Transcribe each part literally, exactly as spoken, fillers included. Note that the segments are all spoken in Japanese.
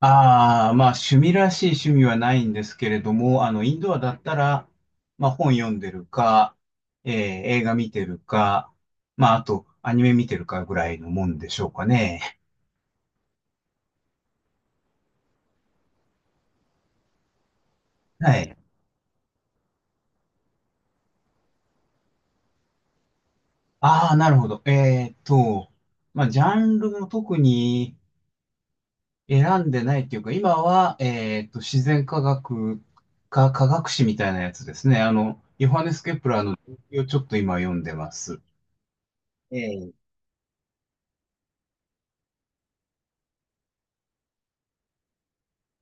ああ、まあ趣味らしい趣味はないんですけれども、あの、インドアだったら、まあ本読んでるか、えー映画見てるか、まああとアニメ見てるかぐらいのもんでしょうかね。はい。ああ、なるほど。えーっと、まあジャンルも特に選んでないっていうか、今は、えーっと、自然科学か科学史みたいなやつですね。あの、ヨハネス・ケプラーの、をちょっと今読んでます。ええ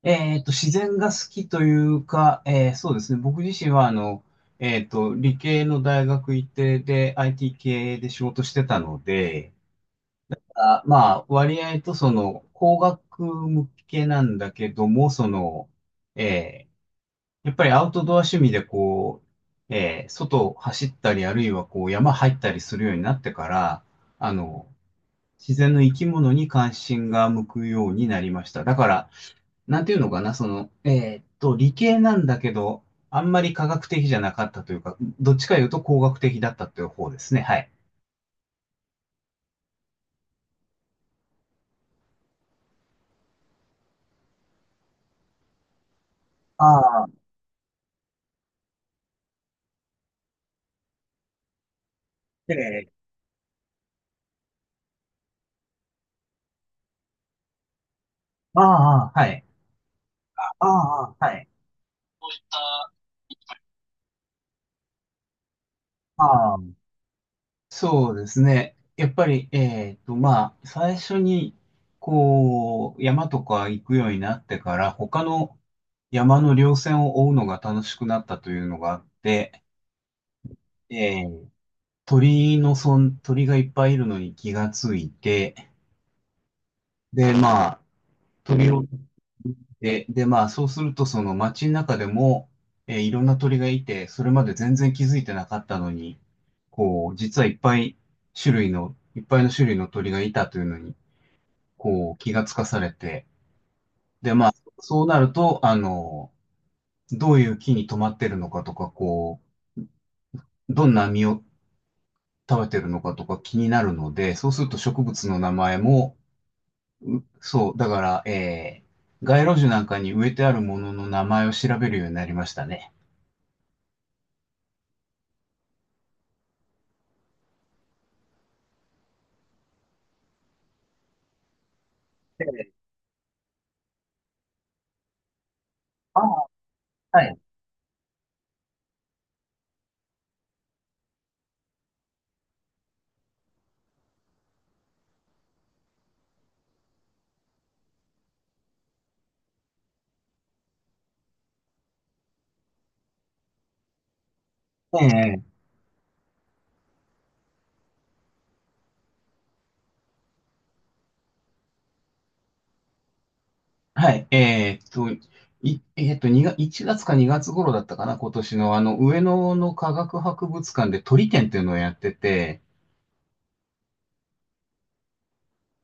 えっと、自然が好きというか、えーそうですね。僕自身は、あの、えっと、理系の大学行ってで、アイティー 系で仕事してたので、あ、まあ、割合とその、工学向けなんだけども、その、えーやっぱりアウトドア趣味でこう、えー外を走ったり、あるいはこう、山入ったりするようになってから、あの、自然の生き物に関心が向くようになりました。だから、なんていうのかな、その、えーっと、理系なんだけど、あんまり科学的じゃなかったというか、どっちかいうと工学的だったという方ですね。はい。ああ、で、ああ、はい。ああ、はい。ああ、そうですね。やっぱり、えっと、まあ、最初に、こう、山とか行くようになってから、他の山の稜線を追うのが楽しくなったというのがあって、えー鳥のそん、鳥がいっぱいいるのに気がついて、で、まあ、鳥をで、で、まあ、そうすると、その街の中でも、えーいろんな鳥がいて、それまで全然気づいてなかったのに、こう、実はいっぱい種類の、いっぱいの種類の鳥がいたというのに、こう、気がつかされて、で、まあ、そうなると、あの、どういう木に止まってるのかとか、こう、どんな実を食べてるのかとか気になるので、そうすると植物の名前も、そう、だから、えー、街路樹なんかに植えてあるものの名前を調べるようになりましたね。ええ、ああ、はい。ええ、はい。えーっと、い、えーっと、にが、いちがつかにがつ頃だったかな、今年の、あの、上野の科学博物館で鳥展っていうのをやってて、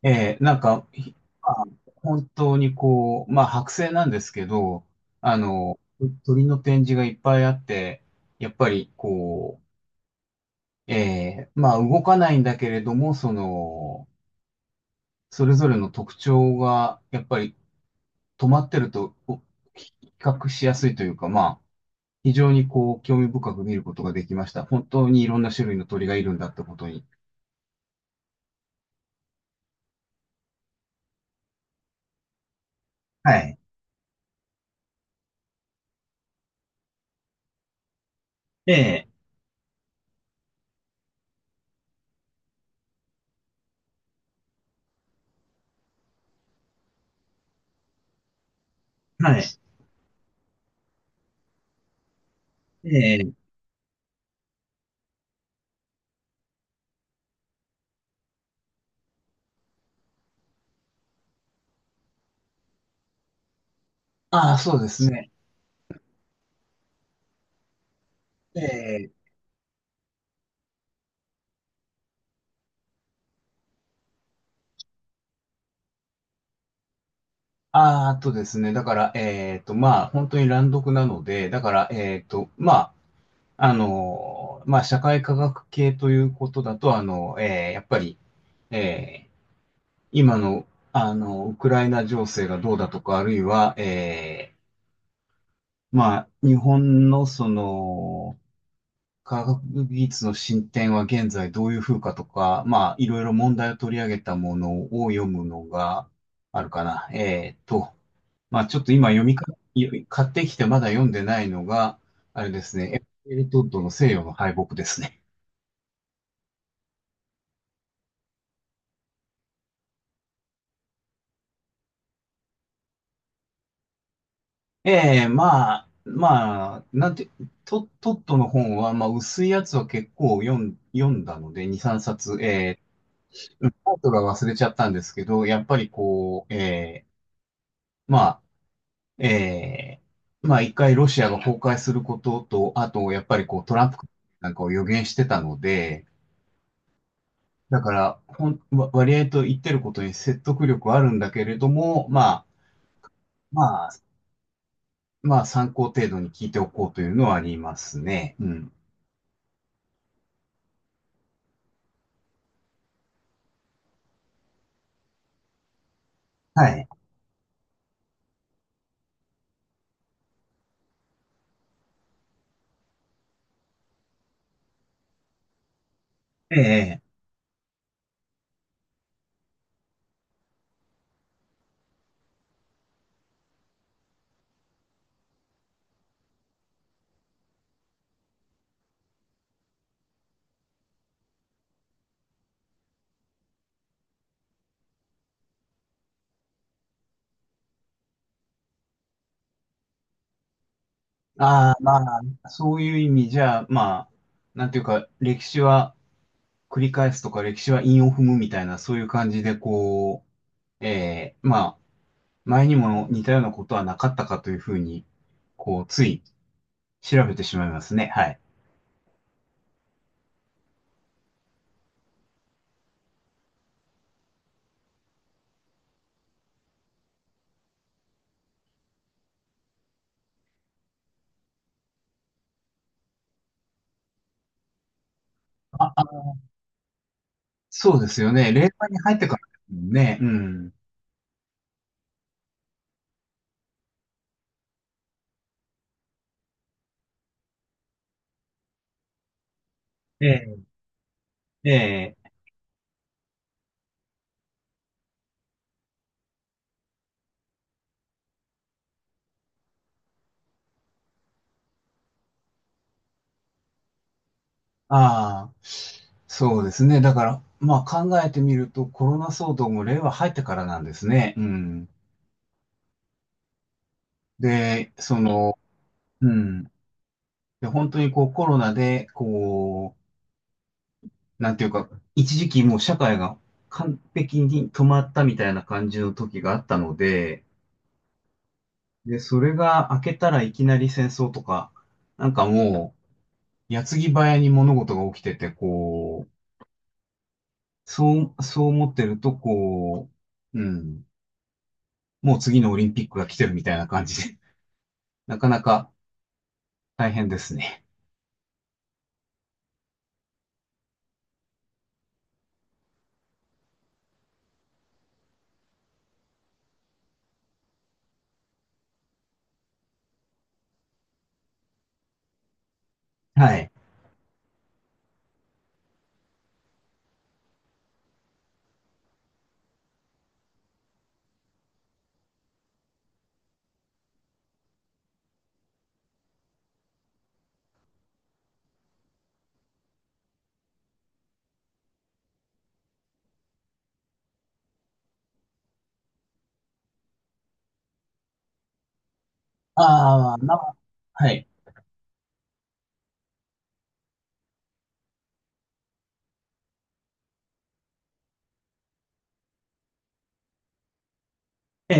えー、なんか、ひまあ本当にこう、まあ、剥製なんですけど、あの、鳥の展示がいっぱいあって、やっぱり、こう、えー、まあ、動かないんだけれども、その、それぞれの特徴が、やっぱり止まってると、お比較しやすいというか、まあ、非常にこう、興味深く見ることができました。本当にいろんな種類の鳥がいるんだってことに。はい。ええ、はい。ええ、ああ、そうですね。ええ、ああ、あとですね。だから、えっと、まあ、本当に乱読なので、だから、えっと、まあ、あの、まあ、社会科学系ということだと、あの、ええ、やっぱり、ええ今の、あの、ウクライナ情勢がどうだとか、あるいは、えーまあ、日本のその、科学技術の進展は現在どういう風かとか、まあ、いろいろ問題を取り上げたものを読むのがあるかな。えっと、まあ、ちょっと今読みか、買ってきてまだ読んでないのが、あれですね、エルトッドの西洋の敗北ですね。ええ、まあ、まあ、なんて、ト、トットの本は、まあ、薄いやつは結構読ん、読んだので、に、さんさつ、ええ、うんタイトルは忘れちゃったんですけど、やっぱりこう、ええ、まあ、ええ、まあ、一回ロシアが崩壊することと、あと、やっぱりこう、トランプなんかを予言してたので、だから、ほん、わ割合と言ってることに説得力はあるんだけれども、まあ、まあ、まあ、参考程度に聞いておこうというのはありますね。うん。はい。ええ。ああ、まあ、そういう意味じゃ、まあ、なんていうか、歴史は繰り返すとか、歴史は韻を踏むみたいな、そういう感じで、こう、ええ、まあ、前にも似たようなことはなかったかというふうに、こう、つい調べてしまいますね。はい。あ、そうですよね。令和に入ってからですもんね。うん。ええ、ええ。ああ、そうですね。だから、まあ考えてみると、コロナ騒動も令和入ってからなんですね。うん。で、その、うん。で、本当にこうコロナで、こう、なんていうか、一時期もう社会が完璧に止まったみたいな感じの時があったので、で、それが明けたらいきなり戦争とか、なんかもう、矢継ぎ早に物事が起きてて、こう、そう、そう思ってると、こう、うん、もう次のオリンピックが来てるみたいな感じで、なかなか大変ですね。はい。ああ、な、はい。え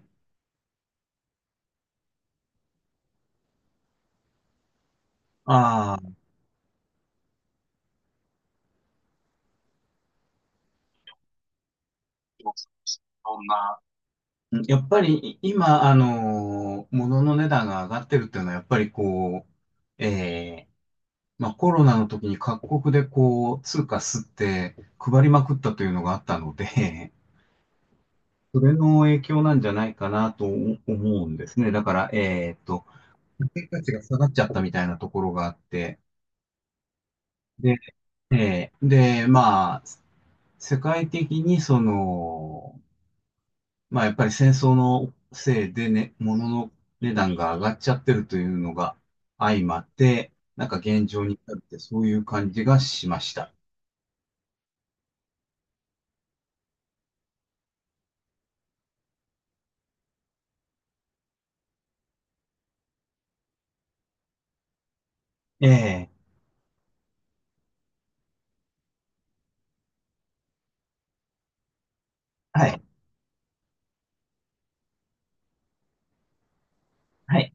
え、ああ、そんなやっぱり今、あの、物の値段が上がってるっていうのは、やっぱりこう、えーまあコロナの時に各国でこう、通貨吸って配りまくったというのがあったので、それの影響なんじゃないかなと思うんですね。だから、えっと、貨幣価値が下がっちゃったみたいなところがあって、で、えーで、まあ、世界的にその、まあ、やっぱり戦争のせいでね、物の値段が上がっちゃってるというのが相まって、なんか現状に至るってそういう感じがしました。ええ、はい。はい。